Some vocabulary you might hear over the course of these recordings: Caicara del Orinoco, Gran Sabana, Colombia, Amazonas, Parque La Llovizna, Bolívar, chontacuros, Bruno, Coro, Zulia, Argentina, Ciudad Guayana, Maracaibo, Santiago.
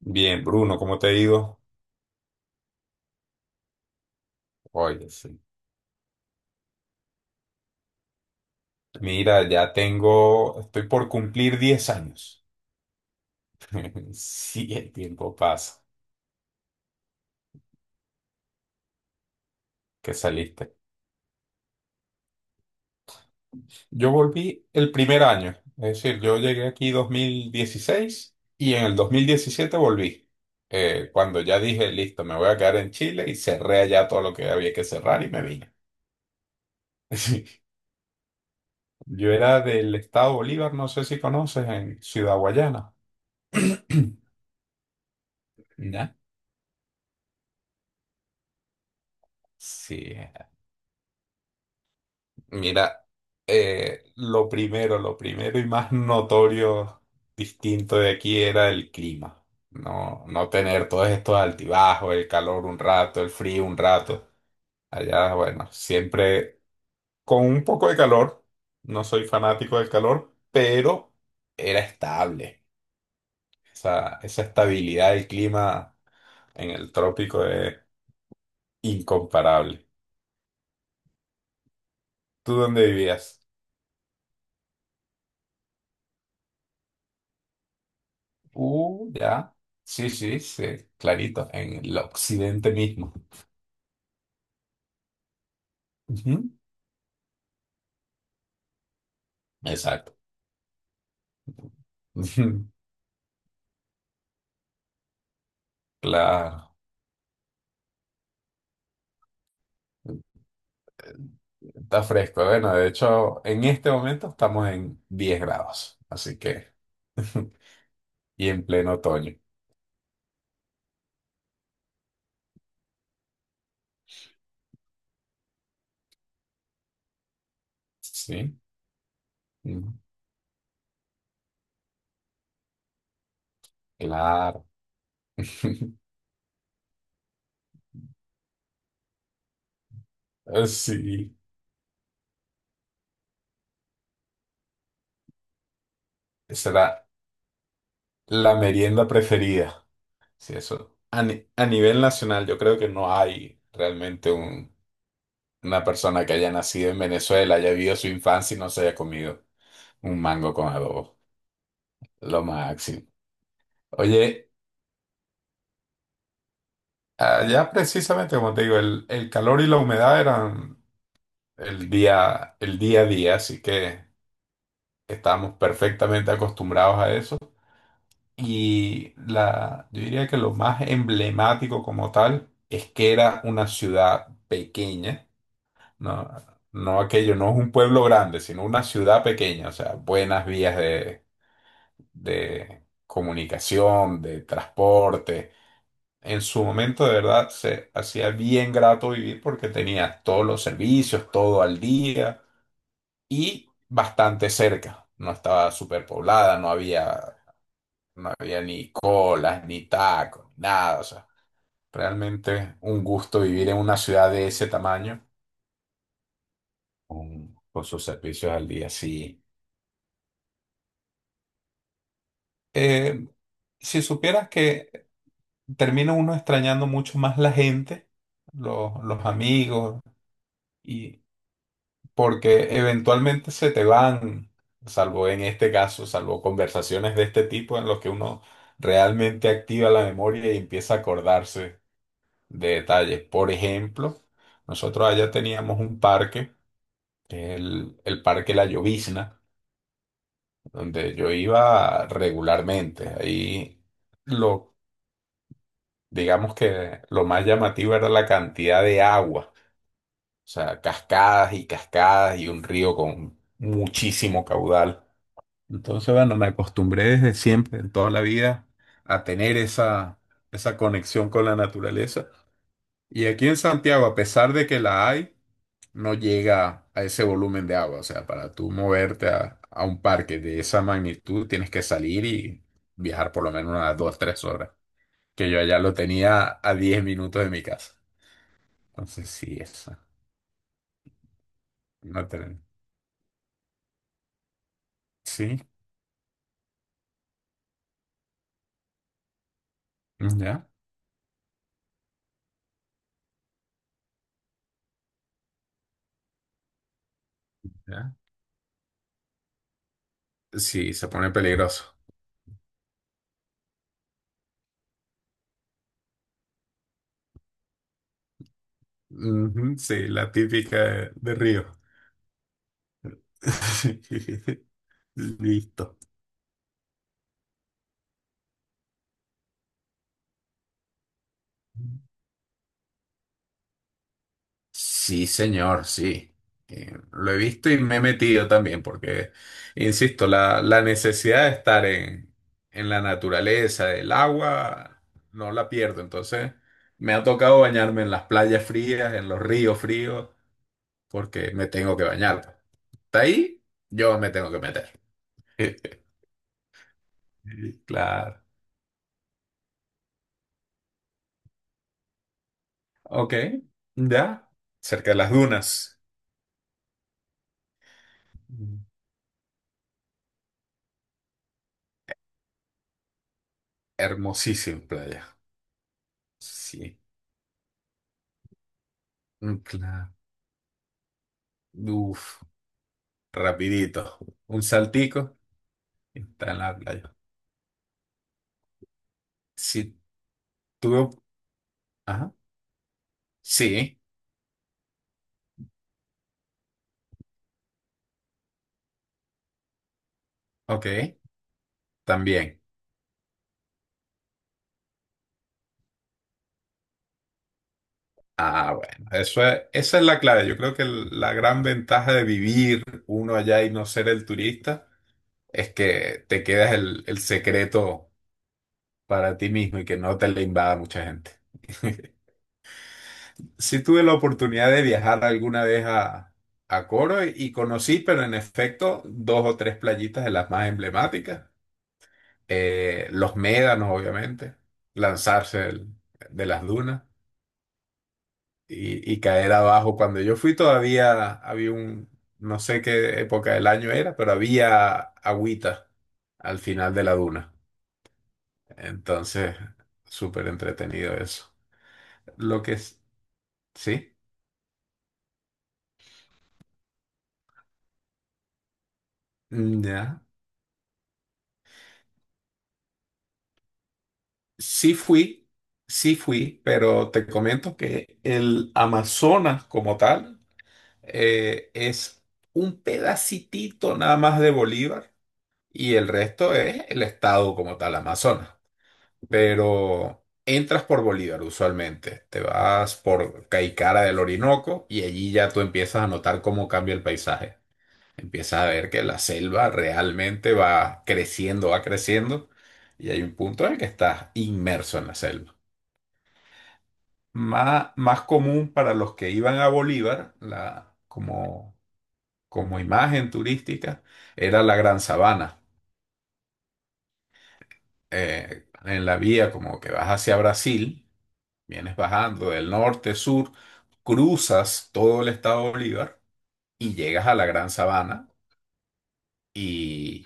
Bien, Bruno, ¿cómo te ha ido? Oye, sí. Mira, estoy por cumplir 10 años. Sí, el tiempo pasa que saliste. Yo volví el primer año, es decir, yo llegué aquí 2016 y en el 2017 volví. Cuando ya dije, listo, me voy a quedar en Chile y cerré allá todo lo que había que cerrar y me vine. Sí. Yo era del estado Bolívar, no sé si conoces, en Ciudad Guayana. ¿Ya? Sí. Mira, lo primero y más notorio distinto de aquí era el clima. No tener todos estos altibajos, el calor un rato, el frío un rato. Allá, bueno, siempre con un poco de calor. No soy fanático del calor, pero era estable. Esa estabilidad del clima en el trópico es incomparable. ¿Tú dónde vivías? Ya. Sí, sí, sí, clarito, en el occidente mismo. Ujú, exacto. Ujú, claro, está fresco. Bueno, de hecho, en este momento estamos en 10 grados, así que, y en pleno otoño. Sí, ujú, claro. Sí, será la merienda preferida. Sí, eso. A, ni- A nivel nacional, yo creo que no hay realmente una persona que haya nacido en Venezuela, haya vivido su infancia y no se haya comido un mango con adobo. Lo máximo. Oye, allá precisamente, como te digo, el calor y la humedad eran el día a día, así que estábamos perfectamente acostumbrados a eso. Yo diría que lo más emblemático como tal es que era una ciudad pequeña, ¿no? No aquello, no es un pueblo grande, sino una ciudad pequeña, o sea, buenas vías de comunicación, de transporte. En su momento, de verdad, se hacía bien grato vivir porque tenías todos los servicios, todo al día y bastante cerca. No estaba superpoblada, no había ni colas, ni tacos, ni nada. O sea, realmente un gusto vivir en una ciudad de ese tamaño con sus servicios al día. Sí. Eh, si supieras que termina uno extrañando mucho más la gente, los amigos, y porque eventualmente se te van, salvo en este caso, salvo conversaciones de este tipo en los que uno realmente activa la memoria y empieza a acordarse de detalles. Por ejemplo, nosotros allá teníamos un parque, el Parque La Llovizna, donde yo iba regularmente. Ahí lo, digamos que lo más llamativo era la cantidad de agua. O sea, cascadas y cascadas y un río con muchísimo caudal. Entonces, bueno, me acostumbré desde siempre, en toda la vida, a tener esa conexión con la naturaleza. Y aquí en Santiago, a pesar de que la hay, no llega a ese volumen de agua. O sea, para tú moverte a un parque de esa magnitud, tienes que salir y viajar por lo menos unas dos, tres horas. Que yo allá lo tenía a 10 minutos de mi casa. Entonces, sí, esa. No te- Sí, ya. ¿Ya? Sí, se pone peligroso. Ujú, sí, la típica de Río. Listo. Sí, señor, sí. Lo he visto y me he metido también, porque, insisto, la necesidad de estar en la naturaleza, el agua, no la pierdo. Entonces, me ha tocado bañarme en las playas frías, en los ríos fríos, porque me tengo que bañar. Está ahí, yo me tengo que meter. Claro. Ok, ya, cerca de las dunas. Mm. Hermosísima playa. Sí, un pla- uf, rapidito. Un saltico y está en la playa. Sí, tuve. Ajá. Sí, ok, también. Ah, bueno, esa es la clave. Yo creo que la gran ventaja de vivir uno allá y no ser el turista es que te quedas el secreto para ti mismo y que no te le invada mucha gente. Sí tuve la oportunidad de viajar alguna vez a Coro y conocí, pero en efecto, dos o tres playitas de las más emblemáticas. Los médanos, obviamente, lanzarse de las dunas y caer abajo. Cuando yo fui todavía había un, no sé qué época del año era, pero había agüita al final de la duna. Entonces, súper entretenido eso. Lo que es, sí, ya. Sí fui, sí fui, pero te comento que el Amazonas como tal es un pedacitito nada más de Bolívar y el resto es el estado como tal, Amazonas. Pero entras por Bolívar usualmente, te vas por Caicara del Orinoco y allí ya tú empiezas a notar cómo cambia el paisaje. Empiezas a ver que la selva realmente va creciendo y hay un punto en el que estás inmerso en la selva. Más común para los que iban a Bolívar, como imagen turística, era la Gran Sabana. En la vía como que vas hacia Brasil, vienes bajando del norte, sur, cruzas todo el estado de Bolívar y llegas a la Gran Sabana y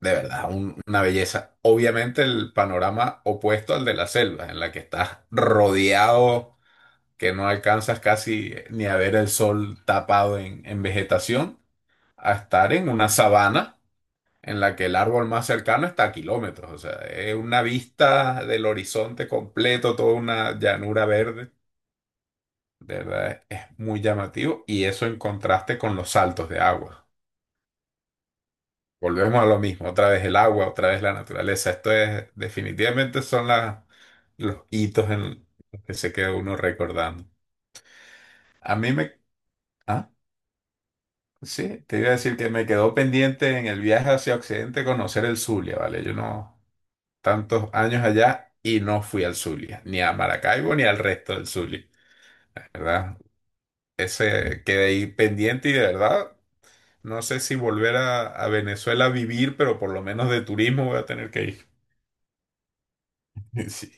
de verdad una belleza. Obviamente el panorama opuesto al de la selva, en la que estás rodeado que no alcanzas casi ni a ver el sol tapado en vegetación, a estar en una sabana en la que el árbol más cercano está a kilómetros. O sea, es una vista del horizonte completo, toda una llanura verde. De verdad, es muy llamativo y eso en contraste con los saltos de agua. Volvemos a lo mismo, otra vez el agua, otra vez la naturaleza. Esto es, definitivamente son los hitos en los que se queda uno recordando. A mí me. ¿Ah? Sí, te iba a decir que me quedó pendiente en el viaje hacia Occidente conocer el Zulia, ¿vale? Yo no tantos años allá y no fui al Zulia, ni a Maracaibo ni al resto del Zulia, ¿verdad? Ese quedé ahí pendiente y de verdad no sé si volver a Venezuela a vivir, pero por lo menos de turismo voy a tener que ir. Sí,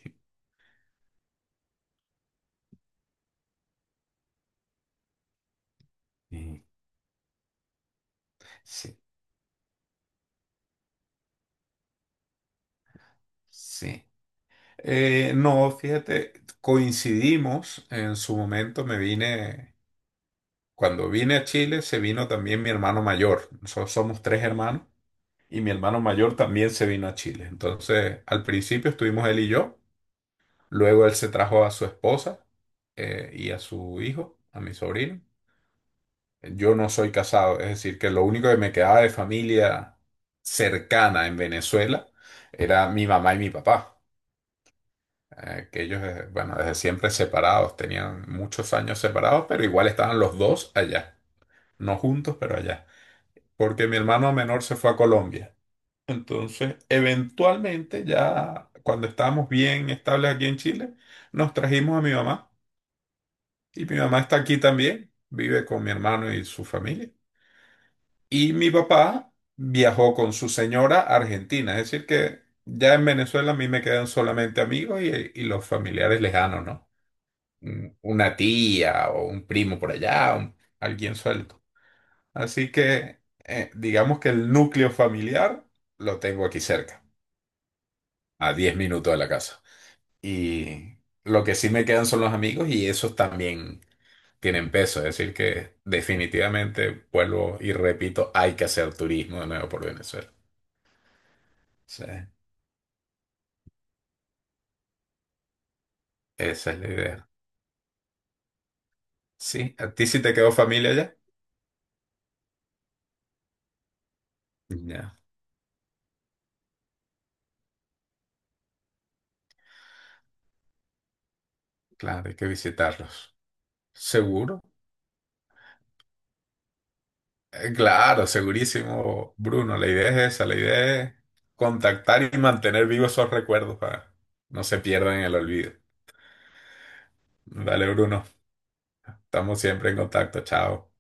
sí, sí. Sí. No, fíjate, coincidimos en su momento, me vine. Cuando vine a Chile, se vino también mi hermano mayor. Nosotros somos tres hermanos y mi hermano mayor también se vino a Chile. Entonces, al principio estuvimos él y yo. Luego él se trajo a su esposa y a su hijo, a mi sobrino. Yo no soy casado, es decir, que lo único que me quedaba de familia cercana en Venezuela era mi mamá y mi papá. Que ellos, bueno, desde siempre separados, tenían muchos años separados, pero igual estaban los dos allá. No juntos, pero allá, porque mi hermano menor se fue a Colombia. Entonces, eventualmente, ya cuando estábamos bien estables aquí en Chile, nos trajimos a mi mamá. Y mi mamá está aquí también, vive con mi hermano y su familia. Y mi papá viajó con su señora a Argentina. Es decir, que ya en Venezuela a mí me quedan solamente amigos y los familiares lejanos, ¿no? Una tía o un primo por allá, alguien suelto. Así que digamos que el núcleo familiar lo tengo aquí cerca, a 10 minutos de la casa. Y lo que sí me quedan son los amigos y esos también tienen peso. Es decir, que definitivamente vuelvo y repito, hay que hacer turismo de nuevo por Venezuela. Sí, esa es la idea. Sí, ¿a ti sí te quedó familia ya? Ya, claro, hay que visitarlos. Seguro. Claro, segurísimo, Bruno. La idea es esa, la idea es contactar y mantener vivos esos recuerdos para que no se pierdan en el olvido. Dale, Bruno. Estamos siempre en contacto. Chao.